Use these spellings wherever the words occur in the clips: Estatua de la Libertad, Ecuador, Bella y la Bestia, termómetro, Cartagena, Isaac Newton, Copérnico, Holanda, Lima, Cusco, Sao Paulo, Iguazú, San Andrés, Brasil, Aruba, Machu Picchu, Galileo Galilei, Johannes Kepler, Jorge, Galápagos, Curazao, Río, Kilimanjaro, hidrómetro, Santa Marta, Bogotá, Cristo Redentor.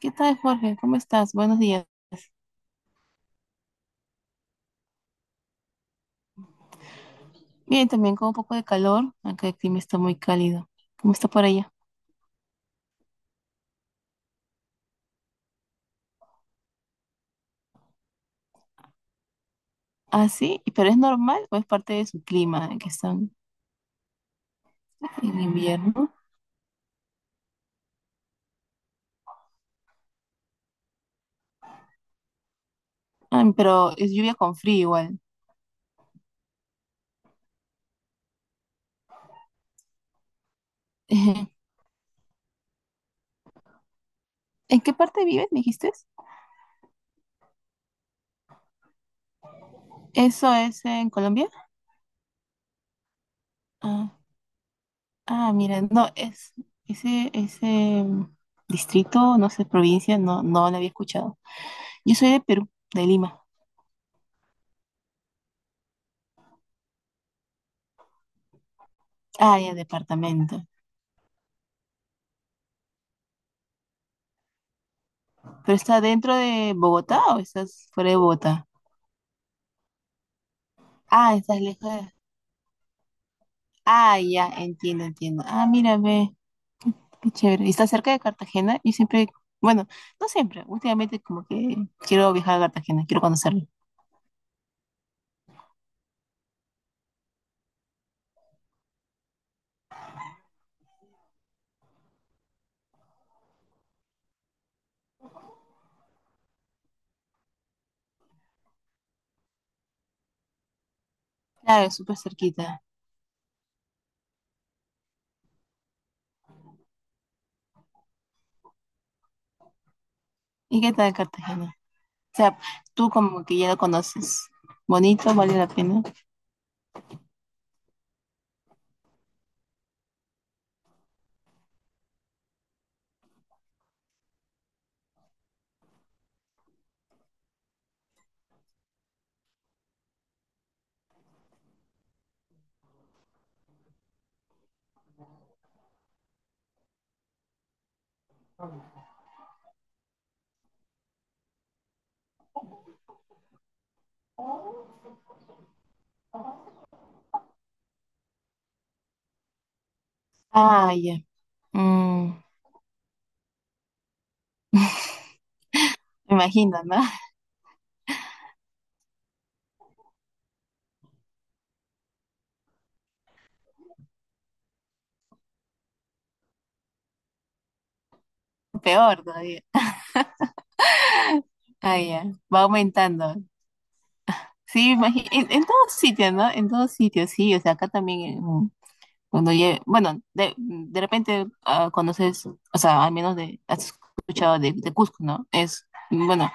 ¿Qué tal, Jorge? ¿Cómo estás? Buenos días. Bien, también con un poco de calor. Acá el clima está muy cálido. ¿Cómo está por allá? Ah, sí, pero ¿es normal o es parte de su clima que están en invierno? Ah, pero es lluvia con frío igual. ¿En qué parte vives, me dijiste? ¿Eso es en Colombia? Ah, ah, mira, no, es ese distrito, no sé, provincia, no, no lo había escuchado. Yo soy de Perú, de Lima. Ah, ya, departamento. ¿Pero está dentro de Bogotá o estás fuera de Bogotá? Ah, estás lejos de... Ah, ya, entiendo, entiendo. Ah, mírame, qué chévere. ¿Y está cerca de Cartagena? Yo siempre, bueno, no siempre, últimamente como que quiero viajar a Cartagena, quiero conocerlo. Claro, es súper cerquita. ¿Y qué tal Cartagena? O sea, tú como que ya lo conoces. Bonito, vale la pena. Ah, ya. Mm, me imagino, ¿no? Peor todavía. Ah, ya. Va aumentando. Sí, en, todos sitios, ¿no? En todos sitios, sí. O sea, acá también, cuando bueno, de repente conoces, o sea, al menos de, has escuchado de Cusco, ¿no? Es, bueno,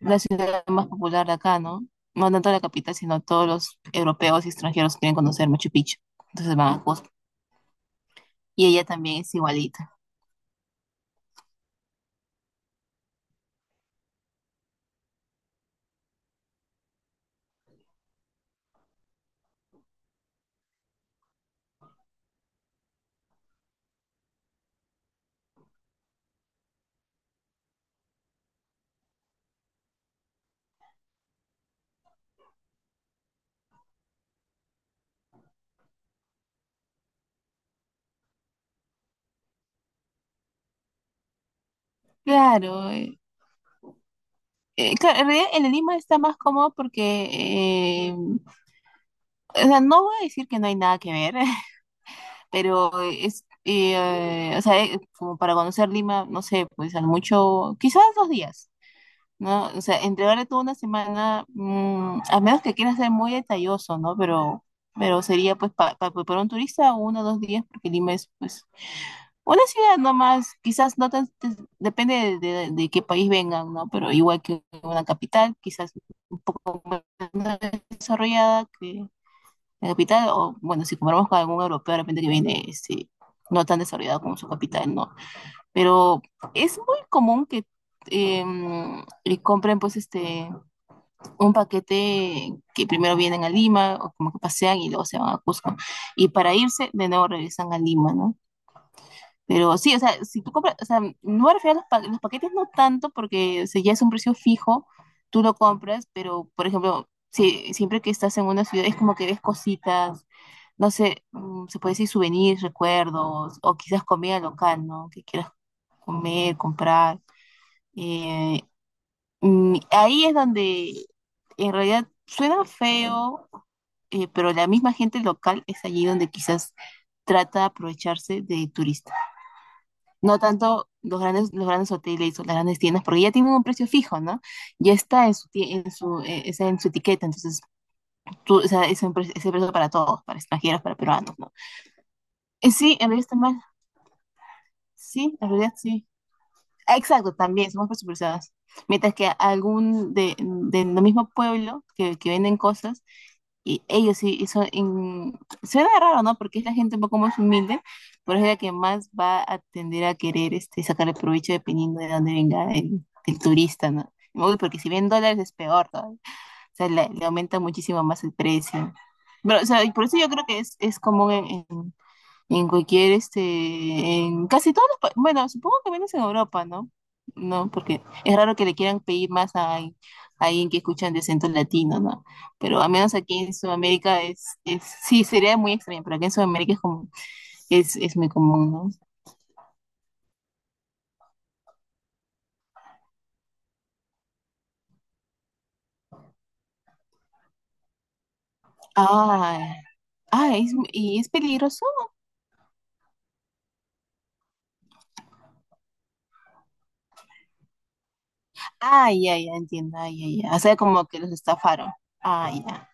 la ciudad más popular de acá, ¿no? No tanto la capital, sino todos los europeos y extranjeros quieren conocer Machu Picchu. Entonces van a Cusco. Y ella también es igualita. Claro. Claro, en realidad en Lima está más cómodo porque, o sea, no voy a decir que no hay nada que ver, pero o sea, como para conocer Lima, no sé, pues al mucho, quizás 2 días, ¿no? O sea, entregarle toda una semana, a menos que quieras ser muy detalloso, ¿no? Pero sería pues para un turista 1 o 2 días, porque Lima es pues una ciudad nomás, quizás no tan, depende de qué país vengan, ¿no? Pero igual que una capital, quizás menos desarrollada, la capital, o bueno, si comparamos con algún europeo de repente que viene no tan desarrollado como su capital, ¿no? Pero es muy común que y compren pues un paquete que primero vienen a Lima o como que pasean y luego se van a Cusco y para irse de nuevo regresan a Lima, ¿no? Pero sí, o sea, si tú compras, o sea, no me refiero a los, los paquetes no tanto porque o sea, ya es un precio fijo, tú lo compras, pero por ejemplo, si, siempre que estás en una ciudad es como que ves cositas no sé, se puede decir souvenirs, recuerdos, o quizás comida local, ¿no? Que quieras comer, comprar. Eh, ahí es donde en realidad suena feo, pero la misma gente local es allí donde quizás trata de aprovecharse de turista. No tanto los grandes, hoteles o las grandes tiendas, porque ya tienen un precio fijo, ¿no? Ya está en su, tie- en su, está en su etiqueta, entonces tú, o sea, es un ese precio para todos, para extranjeros, para peruanos, ¿no? Sí, en realidad está más. Sí, la realidad sí. Ah, exacto, también somos presupuestadas. Mientras que algún del mismo pueblo que venden cosas, y ellos sí, y son, suena raro, ¿no? Porque es la gente un poco más humilde, pero es la que más va a tender a querer sacarle provecho dependiendo de dónde venga el turista, ¿no? Uy, porque si bien dólares es peor, ¿no? O sea, le aumenta muchísimo más el precio. Pero, o sea, y por eso yo creo que es común en cualquier, en casi todos los, bueno, supongo que menos en Europa, ¿no? No, porque es raro que le quieran pedir más a alguien que escuchan de acento latino, ¿no? Pero al menos aquí en Sudamérica es, sí, sería muy extraño, pero aquí en Sudamérica es como, es muy común, ¿no? Ah, ah, ¿y es peligroso? Ah, ya, ya, entiendo, ah, ya, ya. O sea, como que los estafaron. Ah, ya.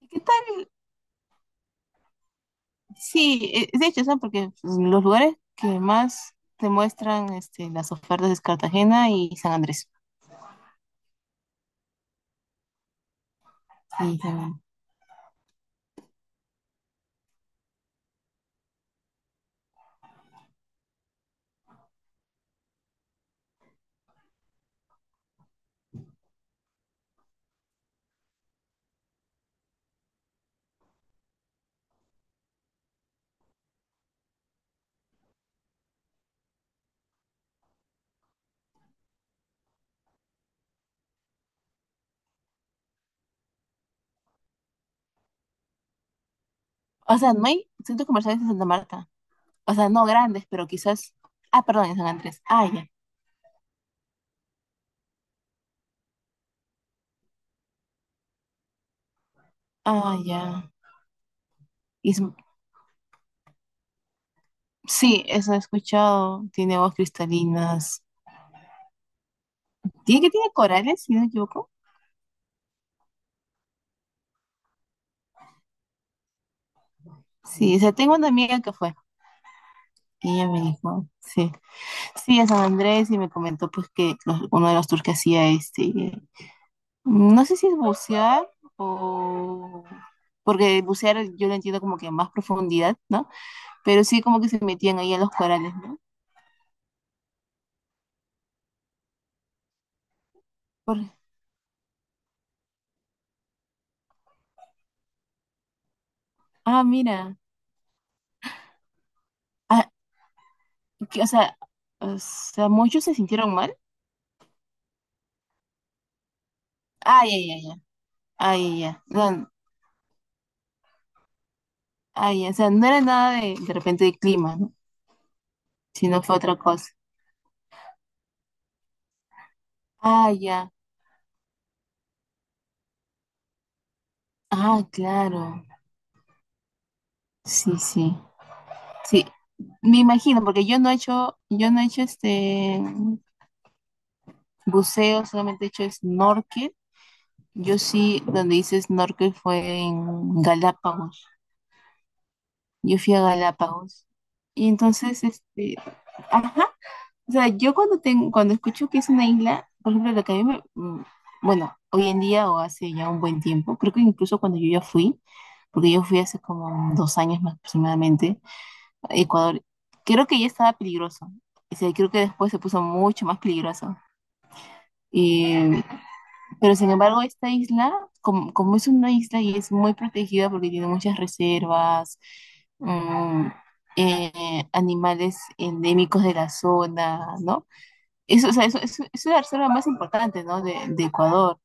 ¿Y qué tal? Sí, de hecho, ¿sabes? Porque pues, los lugares que más te muestran las ofertas es Cartagena y San Andrés. Y, o sea, no hay centros comerciales en Santa Marta. O sea, no grandes, pero quizás... Ah, perdón, en San Andrés. Ah, ya. Ah, ya. Y sí, eso he escuchado. Tiene aguas cristalinas. ¿Tiene que tiene corales, si no me equivoco? Sí, o sea, tengo una amiga que fue. Y ella me dijo, sí. Sí, a San Andrés y me comentó pues que uno de los tours que hacía no sé si es bucear o... Porque bucear yo lo entiendo como que a más profundidad, ¿no? Pero sí como que se metían ahí a los corales, ¿no? Por- Ah, mira. Ah, que- o sea, o sea, muchos se sintieron mal. Ay, ay, ay, ay. Ay, ay, ay. No, ay, ya. O sea, no era nada de, repente de clima, ¿no? Sino fue otra cosa. Ah, ya. Ah, claro. Sí, sí. Sí. Me imagino, porque yo no he hecho este buceo, solamente he hecho snorkel. Yo sí, donde dices snorkel fue en Galápagos. Yo fui a Galápagos. Y entonces, ajá. O sea, yo cuando tengo, cuando escucho que es una isla, por ejemplo, lo que a mí me, bueno, hoy en día o hace ya un buen tiempo, creo que incluso cuando yo ya fui, porque yo fui hace como 2 años más aproximadamente a Ecuador, creo que ya estaba peligroso. O sea, creo que después se puso mucho más peligroso. Y pero sin embargo, esta isla, como es una isla y es muy protegida porque tiene muchas reservas, mm, animales endémicos de la zona, ¿no? Eso, o sea, es la reserva más importante, ¿no? De Ecuador.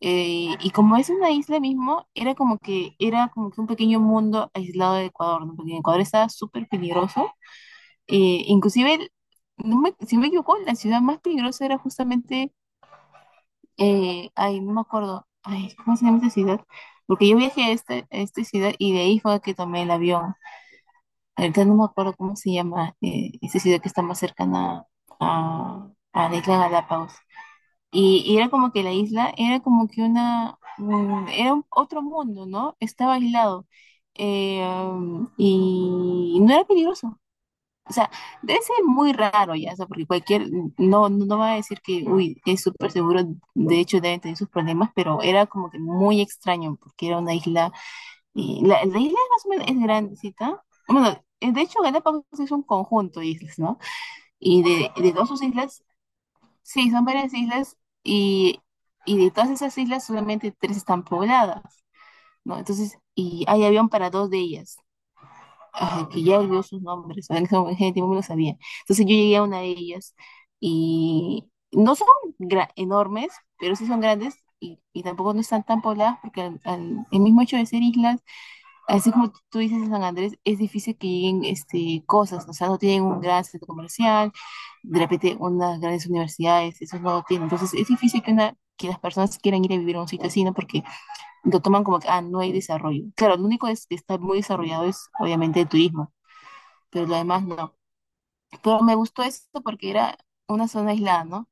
Y como es una isla mismo, era como que un pequeño mundo aislado de Ecuador, ¿no? Porque Ecuador estaba súper peligroso. Inclusive, si no me equivoco, la ciudad más peligrosa era justamente ay, no me acuerdo, ay, ¿cómo se llama esta ciudad? Porque yo viajé a esta ciudad y de ahí fue que tomé el avión. Ahorita no me acuerdo cómo se llama, esta ciudad que está más cercana a, a la isla Galápagos. Y, era como que la isla era como que una, mm, era un- otro mundo, ¿no? Estaba aislado. Y no era peligroso. O sea, debe ser muy raro ya, o sea, porque cualquier, no, no va a decir que, uy, es súper seguro, de hecho deben tener sus problemas, pero era como que muy extraño, porque era una isla, y la isla más o menos es grandecita, bueno, de hecho Galápagos es un conjunto de islas, ¿no? Y de todas sus islas, sí, son varias islas, y, y de todas esas islas solamente tres están pobladas, ¿no? Entonces, y hay avión para dos de ellas. Ajá, que ya olvidó sus nombres, en ese tiempo me lo sabía. Entonces yo llegué a una de ellas y no son enormes, pero sí son grandes y tampoco no están tan pobladas porque el mismo hecho de ser islas, así como tú dices en San Andrés, es difícil que lleguen cosas, o sea, no tienen un gran centro comercial, de repente unas grandes universidades, eso no lo tienen. Entonces es difícil que que las personas quieran ir a vivir a un sitio así, ¿no? Porque lo toman como que, ah, no hay desarrollo. Claro, lo único es que está muy desarrollado es obviamente el turismo, pero lo demás no. Pero me gustó eso porque era una zona aislada, ¿no?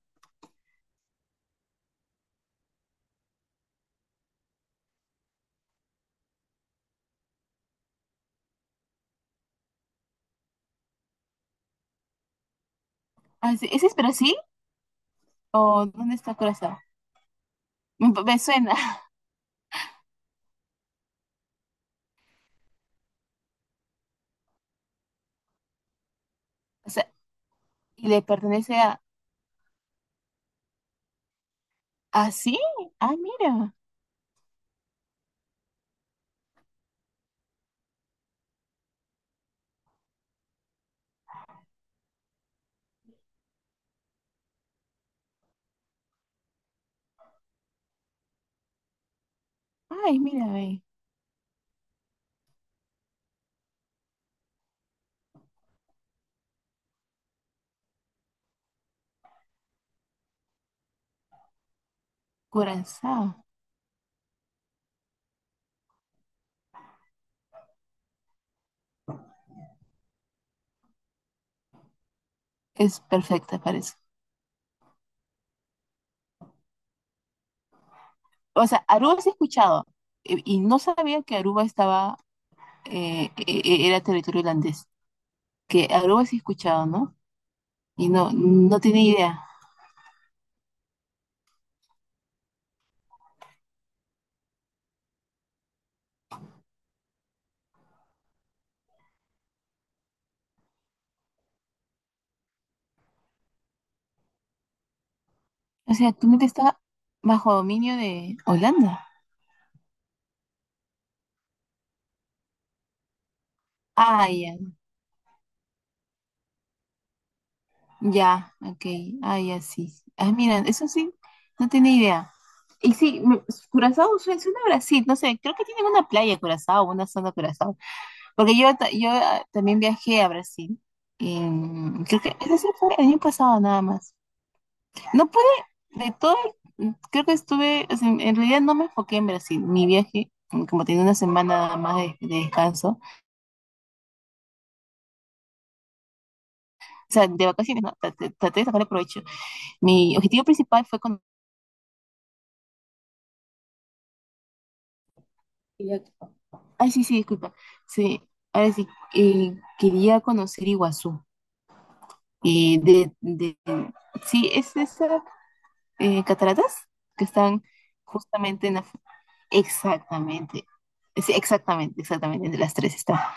Ah, sí, ¿ese es Brasil? ¿O dónde está Curazao? Me suena. O sea, y le pertenece a... ¿Ah, sí? Ah, mira. Ay, mira, ve. Curazao. Es perfecta, parece. O sea, Aruba sí he escuchado. Y no sabía que Aruba estaba... Era territorio holandés. Que Aruba sí he escuchado, ¿no? Y no, no tenía idea. O sea, tu mente está bajo dominio de Holanda. Ah, ya. Ya, ok. Ah, ya sí. Ah, mira, eso sí, no tenía idea. Y sí. Curazao suena, suena a Brasil, no sé, creo que tienen una playa Curazao, una zona Curazao. Porque yo también viajé a Brasil. Creo que ese sí fue el año pasado nada más. No pude, de todo, creo que estuve, o sea, en realidad no me enfoqué en Brasil. Mi viaje, como tenía una semana nada más de descanso, o sea, de vacaciones, no, traté de sacarle provecho. Mi objetivo principal fue conocer. Ay, sí, sí, disculpa. Sí, ahora sí, eh, quería conocer Iguazú. Eh, de, de, sí, es esas cataratas que están justamente en la... fu- Exactamente, sí, exactamente, exactamente, entre las tres está.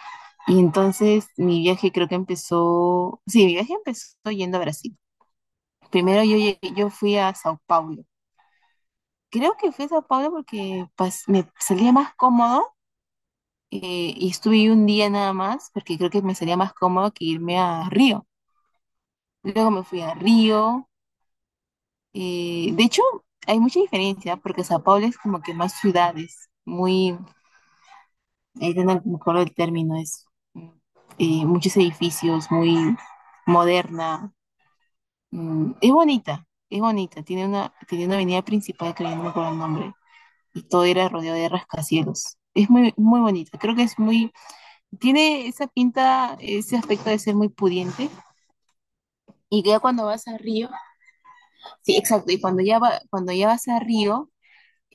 Y entonces mi viaje creo que empezó, sí, mi viaje empezó yendo a Brasil. Primero yo, llegué- yo fui a Sao Paulo. Creo que fui a Sao Paulo porque pas- me salía más cómodo y estuve ahí un día nada más porque creo que me salía más cómodo que irme a Río. Luego me fui a Río. De hecho, hay mucha diferencia porque Sao Paulo es como que más ciudades, muy, ahí no me acuerdo el término, es mm, muchos edificios, muy moderna. Es bonita, es bonita. Tiene una avenida principal que ya no me acuerdo el nombre y todo era rodeado de rascacielos. Es muy, muy bonita. Creo que es muy. Tiene esa pinta, ese aspecto de ser muy pudiente. Y que ya cuando vas a Río, sí, exacto, y cuando ya, va, cuando ya vas a Río,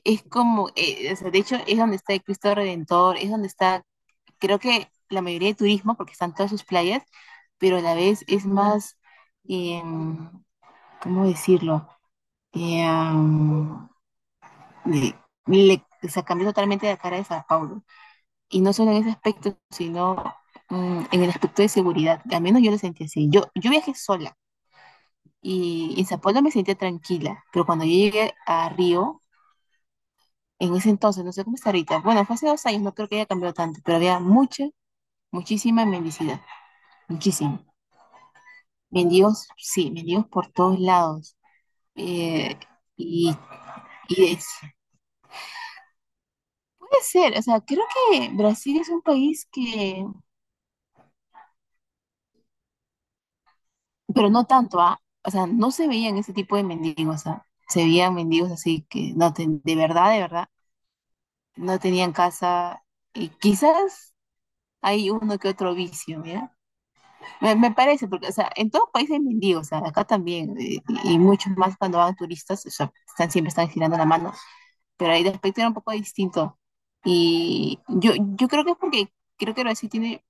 es como, o sea, de hecho, es donde está el Cristo Redentor, es donde está, creo que la mayoría de turismo, porque están todas sus playas, pero a la vez es más, eh, ¿cómo decirlo? Eh, um, Le, le- o sea, cambió totalmente la cara de Sao Paulo. Y no solo en ese aspecto, sino en el aspecto de seguridad. Al menos yo lo sentí así. Yo viajé sola y en Sao Paulo me sentía tranquila, pero cuando yo llegué a Río, en ese entonces, no sé cómo está ahorita, bueno, fue hace 2 años, no creo que haya cambiado tanto, pero había mucha, muchísima mendicidad, muchísima. Mendigos, sí, mendigos por todos lados. Eh, y, y es- puede ser, o sea, creo que Brasil es un país que, pero no tanto, ¿ah? O sea, no se veían ese tipo de mendigos, ¿ah? Se veían mendigos así que no ten- de verdad, no tenían casa. Y quizás hay uno que otro vicio, mira. Me parece, porque, o sea, en todo país hay mendigos, o sea, acá también, y muchos más cuando van turistas, o sea, están, siempre están girando la mano, pero ahí de aspecto era un poco distinto. Y yo creo que es porque creo que Brasil tiene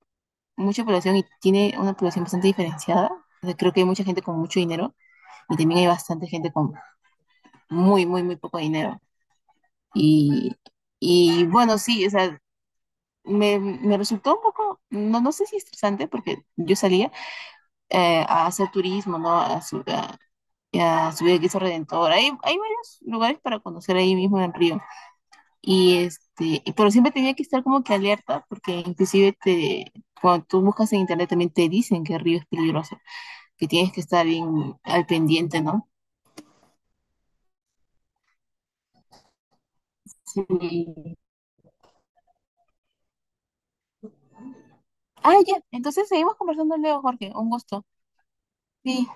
mucha población y tiene una población bastante diferenciada. O sea, creo que hay mucha gente con mucho dinero y también hay bastante gente con muy, muy, muy poco dinero. Y, y bueno, sí, o sea, me resultó un poco, no, no sé si estresante, porque yo salía, a hacer turismo, ¿no? A, su- a subir a Cristo Redentor. Hay varios lugares para conocer ahí mismo en Río. Y este, pero siempre tenía que estar como que alerta, porque inclusive te, cuando tú buscas en internet también te dicen que Río es peligroso, que tienes que estar bien al pendiente, ¿no? Sí. Ah, ya. Entonces seguimos conversando luego, Jorge. Un gusto. Sí,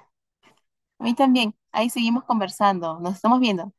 a mí también. Ahí seguimos conversando. Nos estamos viendo.